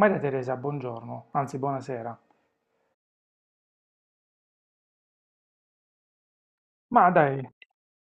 Maria Teresa, buongiorno, anzi buonasera. Ma dai,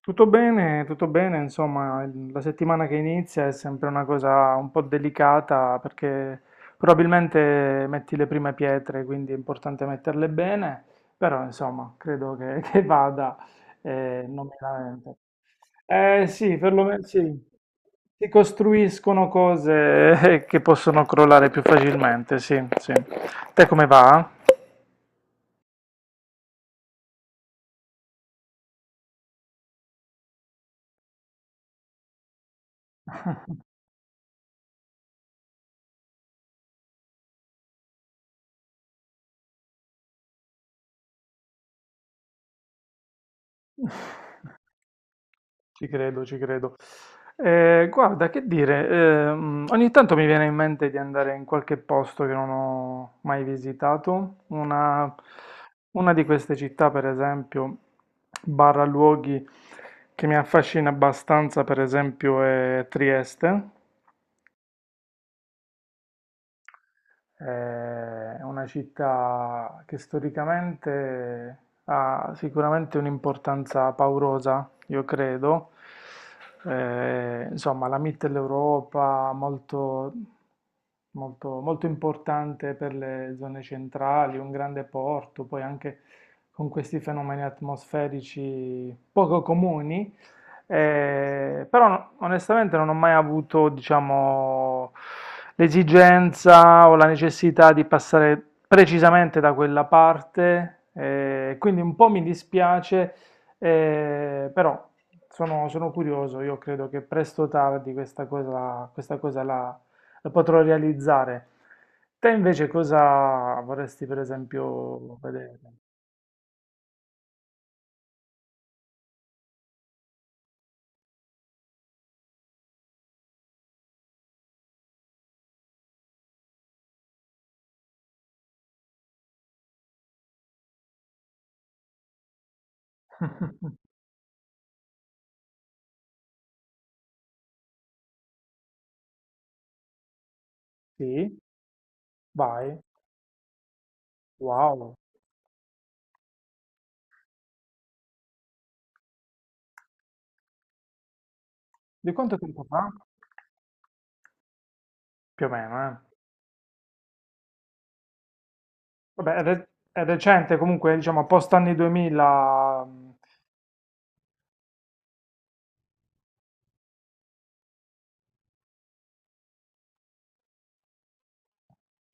tutto bene, insomma, la settimana che inizia è sempre una cosa un po' delicata perché probabilmente metti le prime pietre, quindi è importante metterle bene, però insomma, credo che, che vada, non mi lamento. Eh sì, perlomeno sì, si costruiscono cose che possono crollare più facilmente, sì, sì. Te come va? Ci credo, ci credo. Guarda, che dire, ogni tanto mi viene in mente di andare in qualche posto che non ho mai visitato. Una di queste città, per esempio, barra luoghi che mi affascina abbastanza, per esempio, è Trieste. Eh, È una città che storicamente ha sicuramente un'importanza paurosa, io credo. Insomma, la Mitteleuropa, molto, molto, molto importante per le zone centrali, un grande porto, poi anche con questi fenomeni atmosferici poco comuni. Però onestamente non ho mai avuto, diciamo, l'esigenza o la necessità di passare precisamente da quella parte, quindi un po' mi dispiace, però sono, sono curioso, io credo che presto o tardi questa cosa la lo potrò realizzare. Te invece cosa vorresti per esempio vedere? Sì, vai. Wow. Di quanto tempo fa? Più o meno, eh. Vabbè, è recente comunque, diciamo, post anni 2000.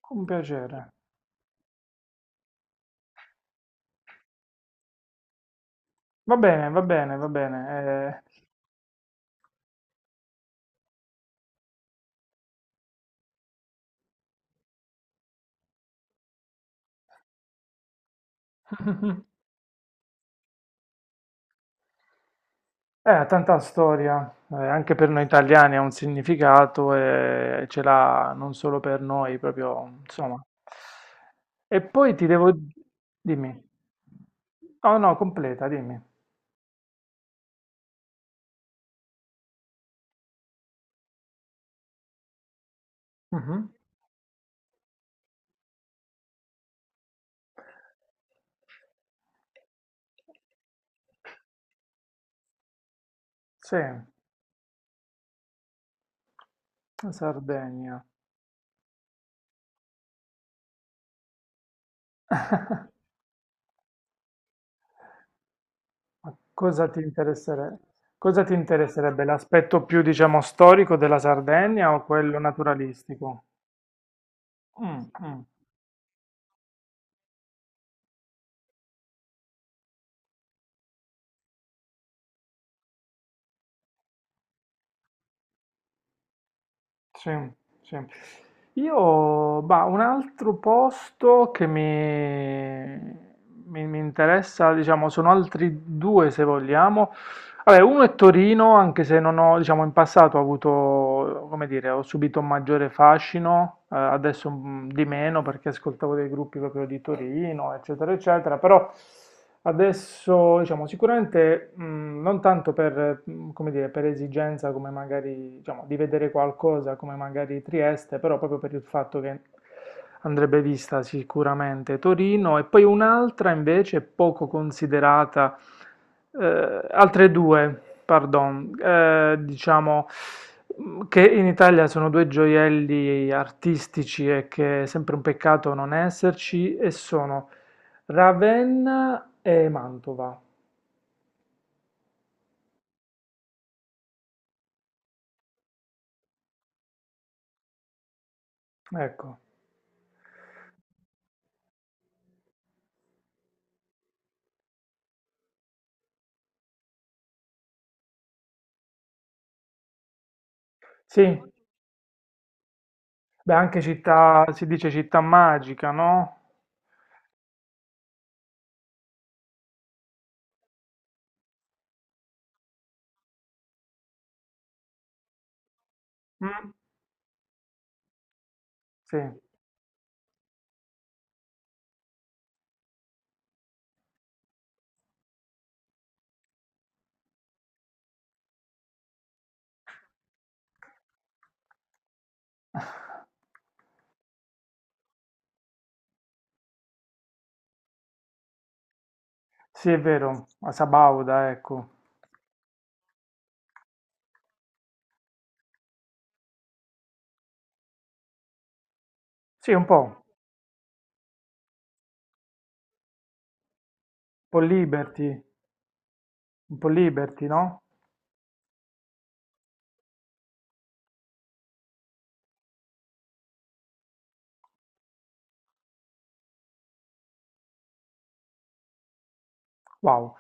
Con piacere. Va bene, va bene, va bene. Eh. Ha tanta storia, anche per noi italiani ha un significato e ce l'ha non solo per noi, proprio, insomma. E poi ti devo... Dimmi. Oh no, completa, dimmi. Mhm. Sì, la Sardegna. Ma cosa ti interesserebbe? Cosa ti interesserebbe? L'aspetto più, diciamo, storico della Sardegna o quello naturalistico? Mm, mm. Sì, sì. Io, bah, un altro posto che mi, mi interessa, diciamo, sono altri due se vogliamo. Vabbè, uno è Torino, anche se non ho, diciamo, in passato ho avuto, come dire, ho subito un maggiore fascino, adesso di meno perché ascoltavo dei gruppi proprio di Torino, eccetera, eccetera, però adesso, diciamo, sicuramente non tanto per, come dire, per esigenza come magari, diciamo, di vedere qualcosa come magari Trieste, però proprio per il fatto che andrebbe vista sicuramente Torino e poi un'altra invece poco considerata, altre due, pardon, diciamo che in Italia sono due gioielli artistici e che è sempre un peccato non esserci e sono Ravenna e Mantova. Ecco, sì, beh, anche città, si dice città magica, no? Mm. Sì, sì, è vero, a Sabauda, ecco. Sì, po' Liberty, un po' Liberty, no? Wow.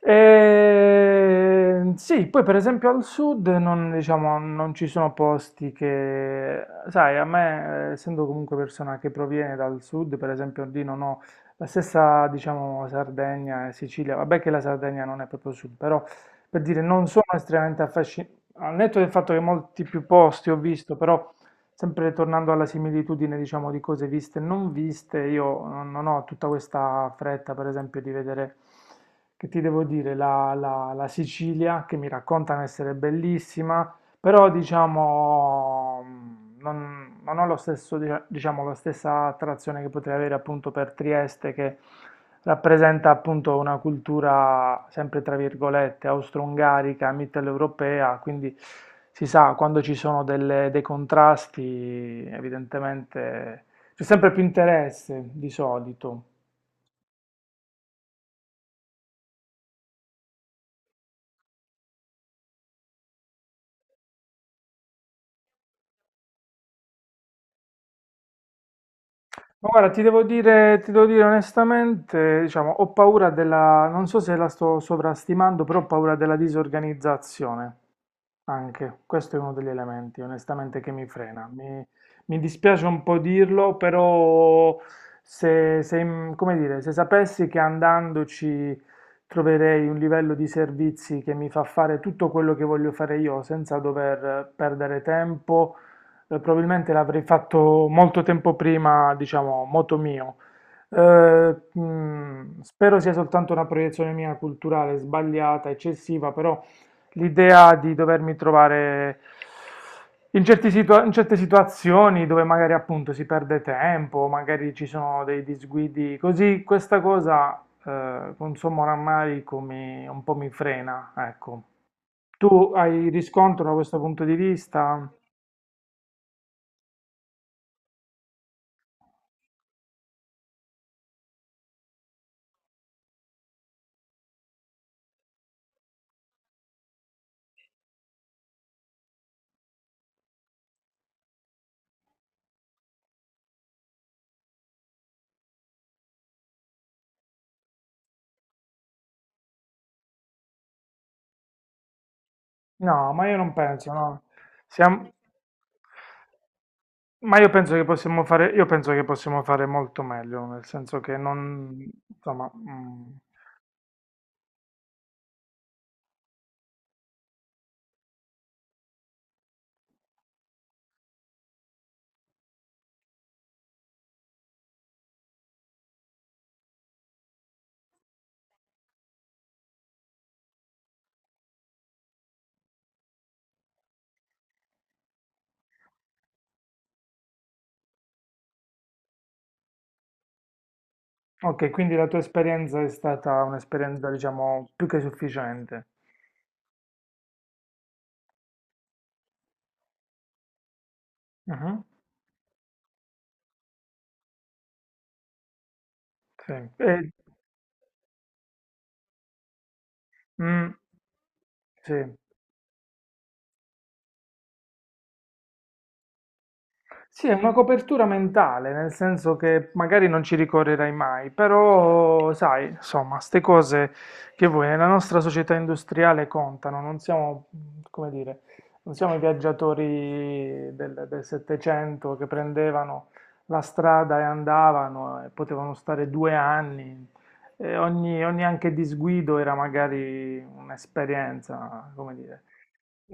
E... sì, poi per esempio al sud non, diciamo, non ci sono posti che, sai, a me, essendo comunque persona che proviene dal sud, per esempio lì non ho la stessa, diciamo, Sardegna e Sicilia, vabbè che la Sardegna non è proprio sud, però per dire non sono estremamente affascinato, al netto del fatto che molti più posti ho visto, però sempre tornando alla similitudine, diciamo, di cose viste e non viste, io non ho tutta questa fretta, per esempio, di vedere, che ti devo dire, la Sicilia, che mi raccontano essere bellissima, però diciamo non, non ho lo stesso, diciamo, la stessa attrazione che potrei avere appunto per Trieste che rappresenta appunto una cultura sempre tra virgolette austro-ungarica, mitteleuropea, quindi si sa quando ci sono dei contrasti evidentemente c'è sempre più interesse di solito. Ora ti devo dire onestamente, diciamo, ho paura della, non so se la sto sovrastimando, però ho paura della disorganizzazione. Anche, questo è uno degli elementi, onestamente, che mi frena. Mi dispiace un po' dirlo, però se, se, mm, come dire, se sapessi che andandoci troverei un livello di servizi che mi fa fare tutto quello che voglio fare io senza dover perdere tempo, probabilmente l'avrei fatto molto tempo prima, diciamo, moto mio. Spero sia soltanto una proiezione mia culturale sbagliata, eccessiva, però l'idea di dovermi trovare in certe situazioni dove magari appunto si perde tempo, magari ci sono dei disguidi, così questa cosa con sommo rammarico un po' mi frena, ecco. Tu hai riscontro da questo punto di vista? No, ma io non penso, no. Siamo... io penso che possiamo fare molto meglio, nel senso che non, insomma, mm, ok, quindi la tua esperienza è stata un'esperienza, diciamo, più che sufficiente. Mhm. Sì. E- mm, sì. Sì, è una copertura mentale, nel senso che magari non ci ricorrerai mai, però sai, insomma, ste cose che voi nella nostra società industriale contano, non siamo, come dire, non siamo i viaggiatori del Settecento che prendevano la strada e andavano e potevano stare 2 anni. E ogni, ogni anche disguido era magari un'esperienza, come dire.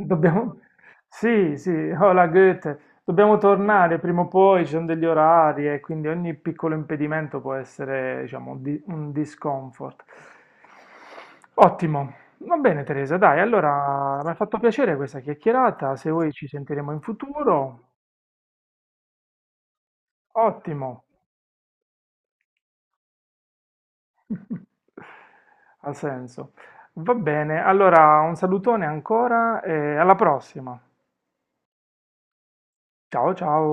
Dobbiamo... Sì, sì, oh la Goethe, dobbiamo tornare prima o poi, ci sono degli orari e quindi ogni piccolo impedimento può essere, diciamo, un discomfort. Ottimo, va bene Teresa, dai, allora mi ha fatto piacere questa chiacchierata, se vuoi ci sentiremo in futuro, ottimo, ha senso. Va bene, allora un salutone ancora e alla prossima. Ciao ciao.